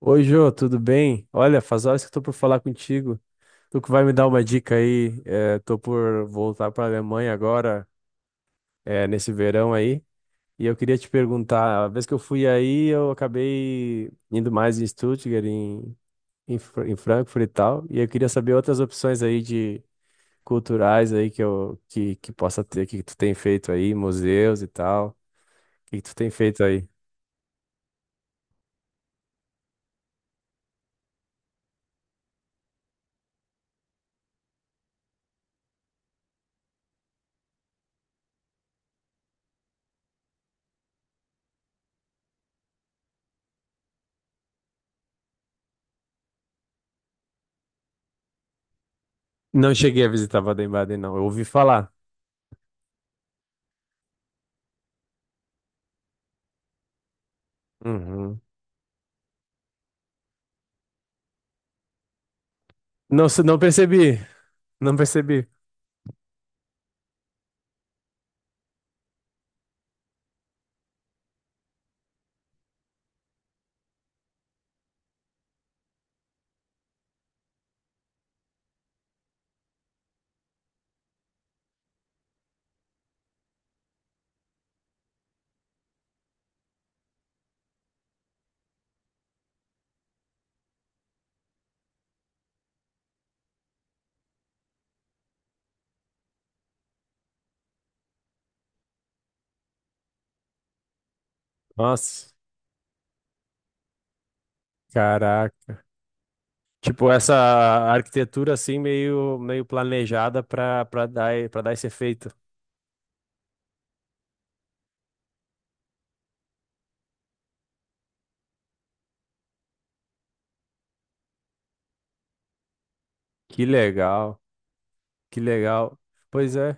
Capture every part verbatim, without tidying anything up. Oi, Jô, tudo bem? Olha, faz horas que eu tô por falar contigo. Tu que vai me dar uma dica aí. É, tô por voltar para Alemanha agora, é, nesse verão aí. E eu queria te perguntar, a vez que eu fui aí, eu acabei indo mais em Stuttgart, em, em, Fra- em Frankfurt e tal. E eu queria saber outras opções aí de culturais aí que eu que, que possa ter, que tu tem feito aí, museus e tal. O que que tu tem feito aí? Não cheguei a visitar Baden-Baden, não. Eu ouvi falar. Uhum. Não, se- não percebi. Não percebi. Nossa, caraca. Tipo, essa arquitetura assim meio meio planejada para para dar para dar esse efeito. Que legal, que legal. Pois é.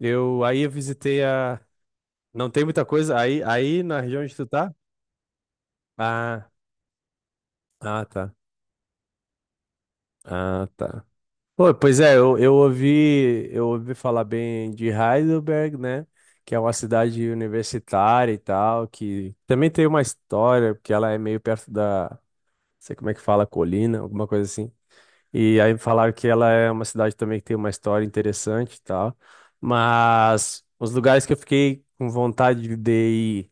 Eu aí eu visitei a não tem muita coisa aí aí na região onde tu tá? Ah, ah tá. Ah, tá. Pô, pois é, eu, eu ouvi, eu ouvi falar bem de Heidelberg, né? Que é uma cidade universitária e tal, que também tem uma história, porque ela é meio perto da, não sei como é que fala, colina, alguma coisa assim. E aí falaram que ela é uma cidade também que tem uma história interessante e tal. Mas os lugares que eu fiquei com vontade de ir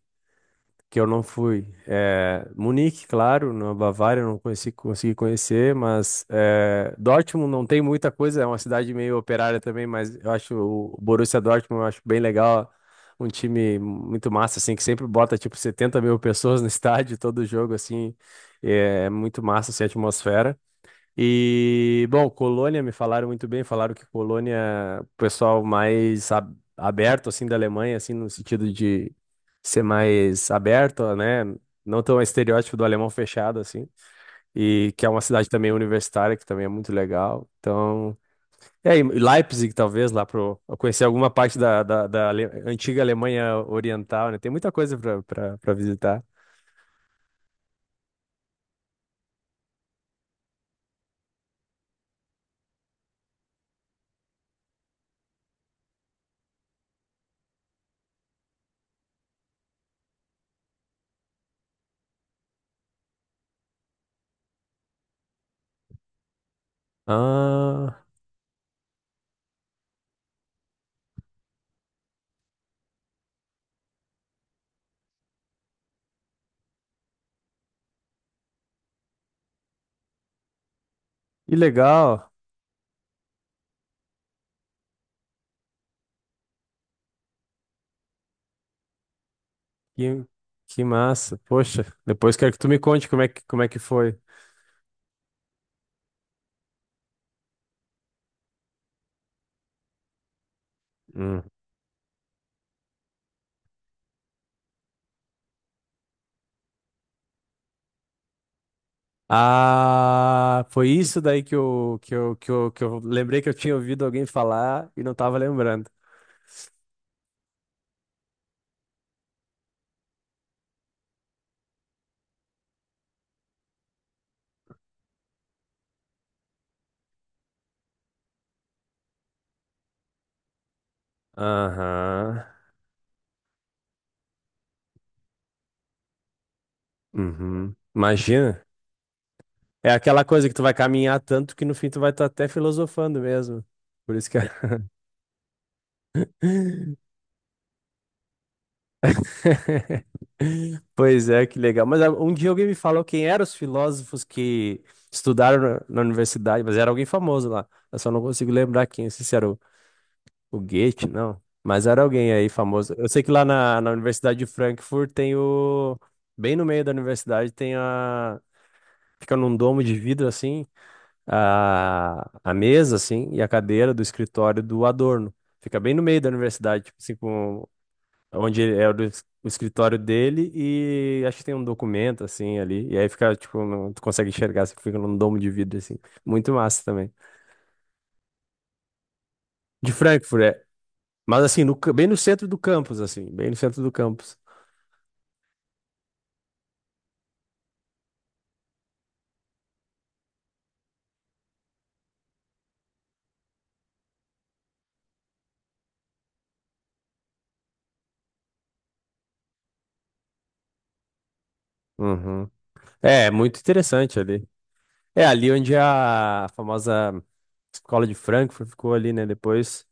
que eu não fui. É, Munique, claro, na Bavária eu não conheci, consegui conhecer, mas é, Dortmund não tem muita coisa, é uma cidade meio operária também, mas eu acho o Borussia Dortmund eu acho bem legal, um time muito massa, assim, que sempre bota tipo setenta mil pessoas no estádio, todo jogo, assim, é, é muito massa, assim, a atmosfera. E, bom, Colônia, me falaram muito bem, falaram que Colônia, o pessoal mais ab- aberto, assim, da Alemanha, assim, no sentido de ser mais aberto, né? Não tão estereótipo do alemão fechado, assim. E que é uma cidade também universitária, que também é muito legal. Então, é, E aí, Leipzig, talvez, lá para conhecer alguma parte da, da, da Ale- antiga Alemanha Oriental, né? Tem muita coisa para visitar. Ah, que legal. Que, que massa. Poxa, depois quero que tu me conte como é que, como é que foi. Hum. Ah, foi isso daí que eu, que eu, que eu, que eu lembrei que eu tinha ouvido alguém falar e não tava lembrando. Aham. Uhum. Imagina. É aquela coisa que tu vai caminhar tanto que no fim tu vai estar até filosofando mesmo. Por isso que. Pois é, que legal. Mas ah, um dia alguém me falou quem eram os filósofos que estudaram na na universidade, mas era alguém famoso lá. Eu só não consigo lembrar quem. Não sei se era o, o Goethe, não. Mas era alguém aí famoso. Eu sei que lá na, na Universidade de Frankfurt tem o. Bem no meio da universidade tem a. Fica num domo de vidro assim. a, a mesa, assim, e a cadeira do escritório do Adorno. Fica bem no meio da universidade, tipo assim, com, onde ele- é o, do es- o escritório dele e acho que tem um documento, assim, ali. E aí fica, tipo, não, tu consegue enxergar, você fica num domo de vidro, assim. Muito massa também. De Frankfurt, é. Mas, assim, no ca- bem no centro do campus, assim, bem no centro do campus. Uhum. É, muito interessante ali. É ali onde a famosa escola de Frankfurt ficou ali, né? Depois.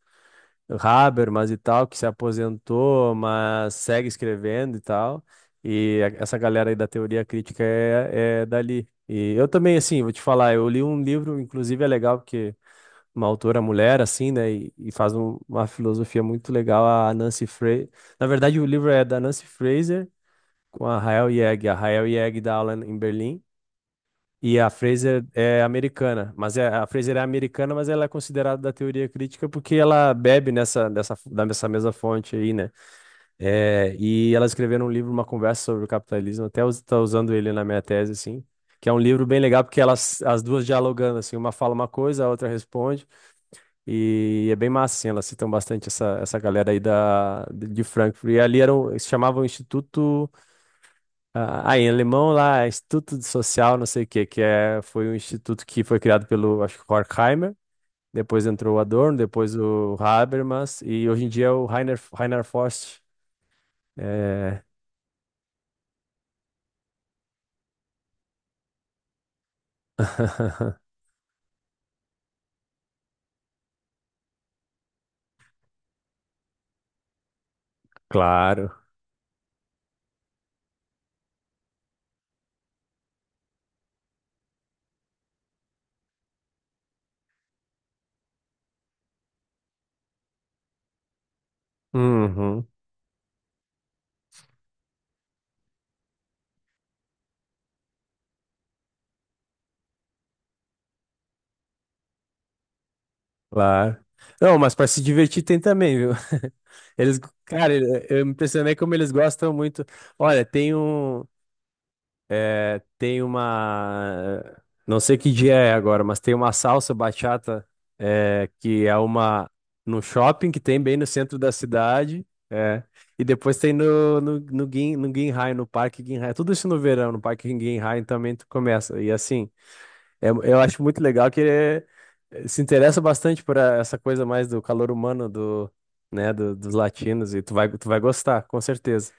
Habermas e tal, que se aposentou, mas segue escrevendo e tal. E a- essa galera aí da teoria crítica é, é dali. E eu também, assim, vou te falar, eu li um livro, inclusive é legal, porque uma autora mulher, assim, né, e, e faz um- uma filosofia muito legal, a Nancy Fraser. Na verdade, o livro é da Nancy Fraser com a Rael Yeg. A Rael Yeg dá aula em Berlim. E a Fraser é americana, mas é, a Fraser é americana, mas ela é considerada da teoria crítica porque ela bebe nessa, dessa, da- dessa mesma fonte aí, né? É, e ela escreveu um livro, uma conversa sobre o capitalismo, até está usando ele na minha tese, assim, que é um livro bem legal porque elas, as duas dialogando, assim, uma fala uma coisa, a outra responde, e é bem massa, assim, elas citam bastante essa, essa galera aí da, de de Frankfurt. E ali era um, se chamava o Instituto. Ah, ah, em alemão lá, Instituto de Social, não sei o que, que é, foi um instituto que foi criado pelo, acho que Horkheimer, depois entrou o Adorno, depois o Habermas, e hoje em dia é o Rainer, Rainer Forst. É... Claro. Uhum, claro. Não, mas para se divertir tem também, viu? Eles, cara, eu eu me impressionei como eles gostam muito. Olha, tem um, É, tem uma. Não sei que dia é agora, mas tem uma salsa bachata, é, que é uma. No shopping que tem bem no centro da cidade. É. E depois tem no, no, no, Gin, no Ginhai, no Parque Ginhai. Tudo isso no verão, no Parque Ginhai também tu começa. E assim, é- eu acho muito legal que ele é- se interessa bastante por a- essa coisa mais do calor humano do, né, do- dos latinos. E tu vai, tu vai gostar, com certeza.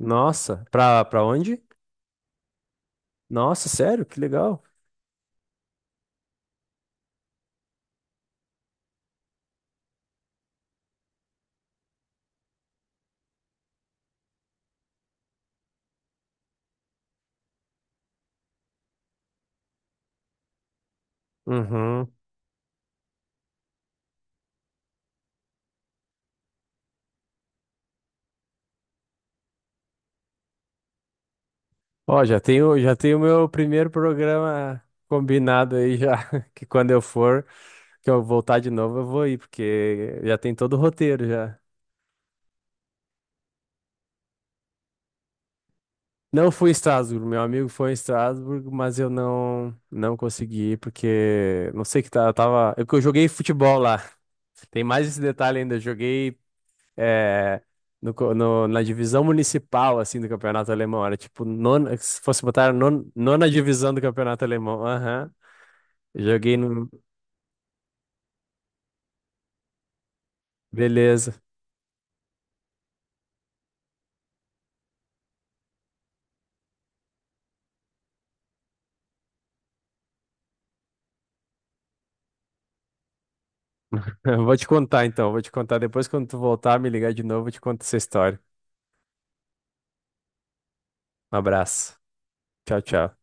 Nossa, pra, pra onde? Nossa, sério? Que legal. Uhum. Ó, já tenho, já tenho meu primeiro programa combinado aí já, que quando eu for, que eu voltar de novo, eu vou ir, porque já tem todo o roteiro já. Não fui em Estrasburgo, meu amigo foi em Estrasburgo, mas eu não não consegui ir, porque não sei o que tá, eu tava, é que eu joguei futebol lá. Tem mais esse detalhe ainda, eu joguei é, no, co- no- na divisão municipal assim do campeonato alemão, era tipo nona, se fosse botar non- nona divisão do campeonato alemão. Aham. Joguei no. Beleza. Eu vou te contar então, vou te contar depois quando tu voltar, me ligar de novo, eu te conto essa história. Um abraço. Tchau, tchau.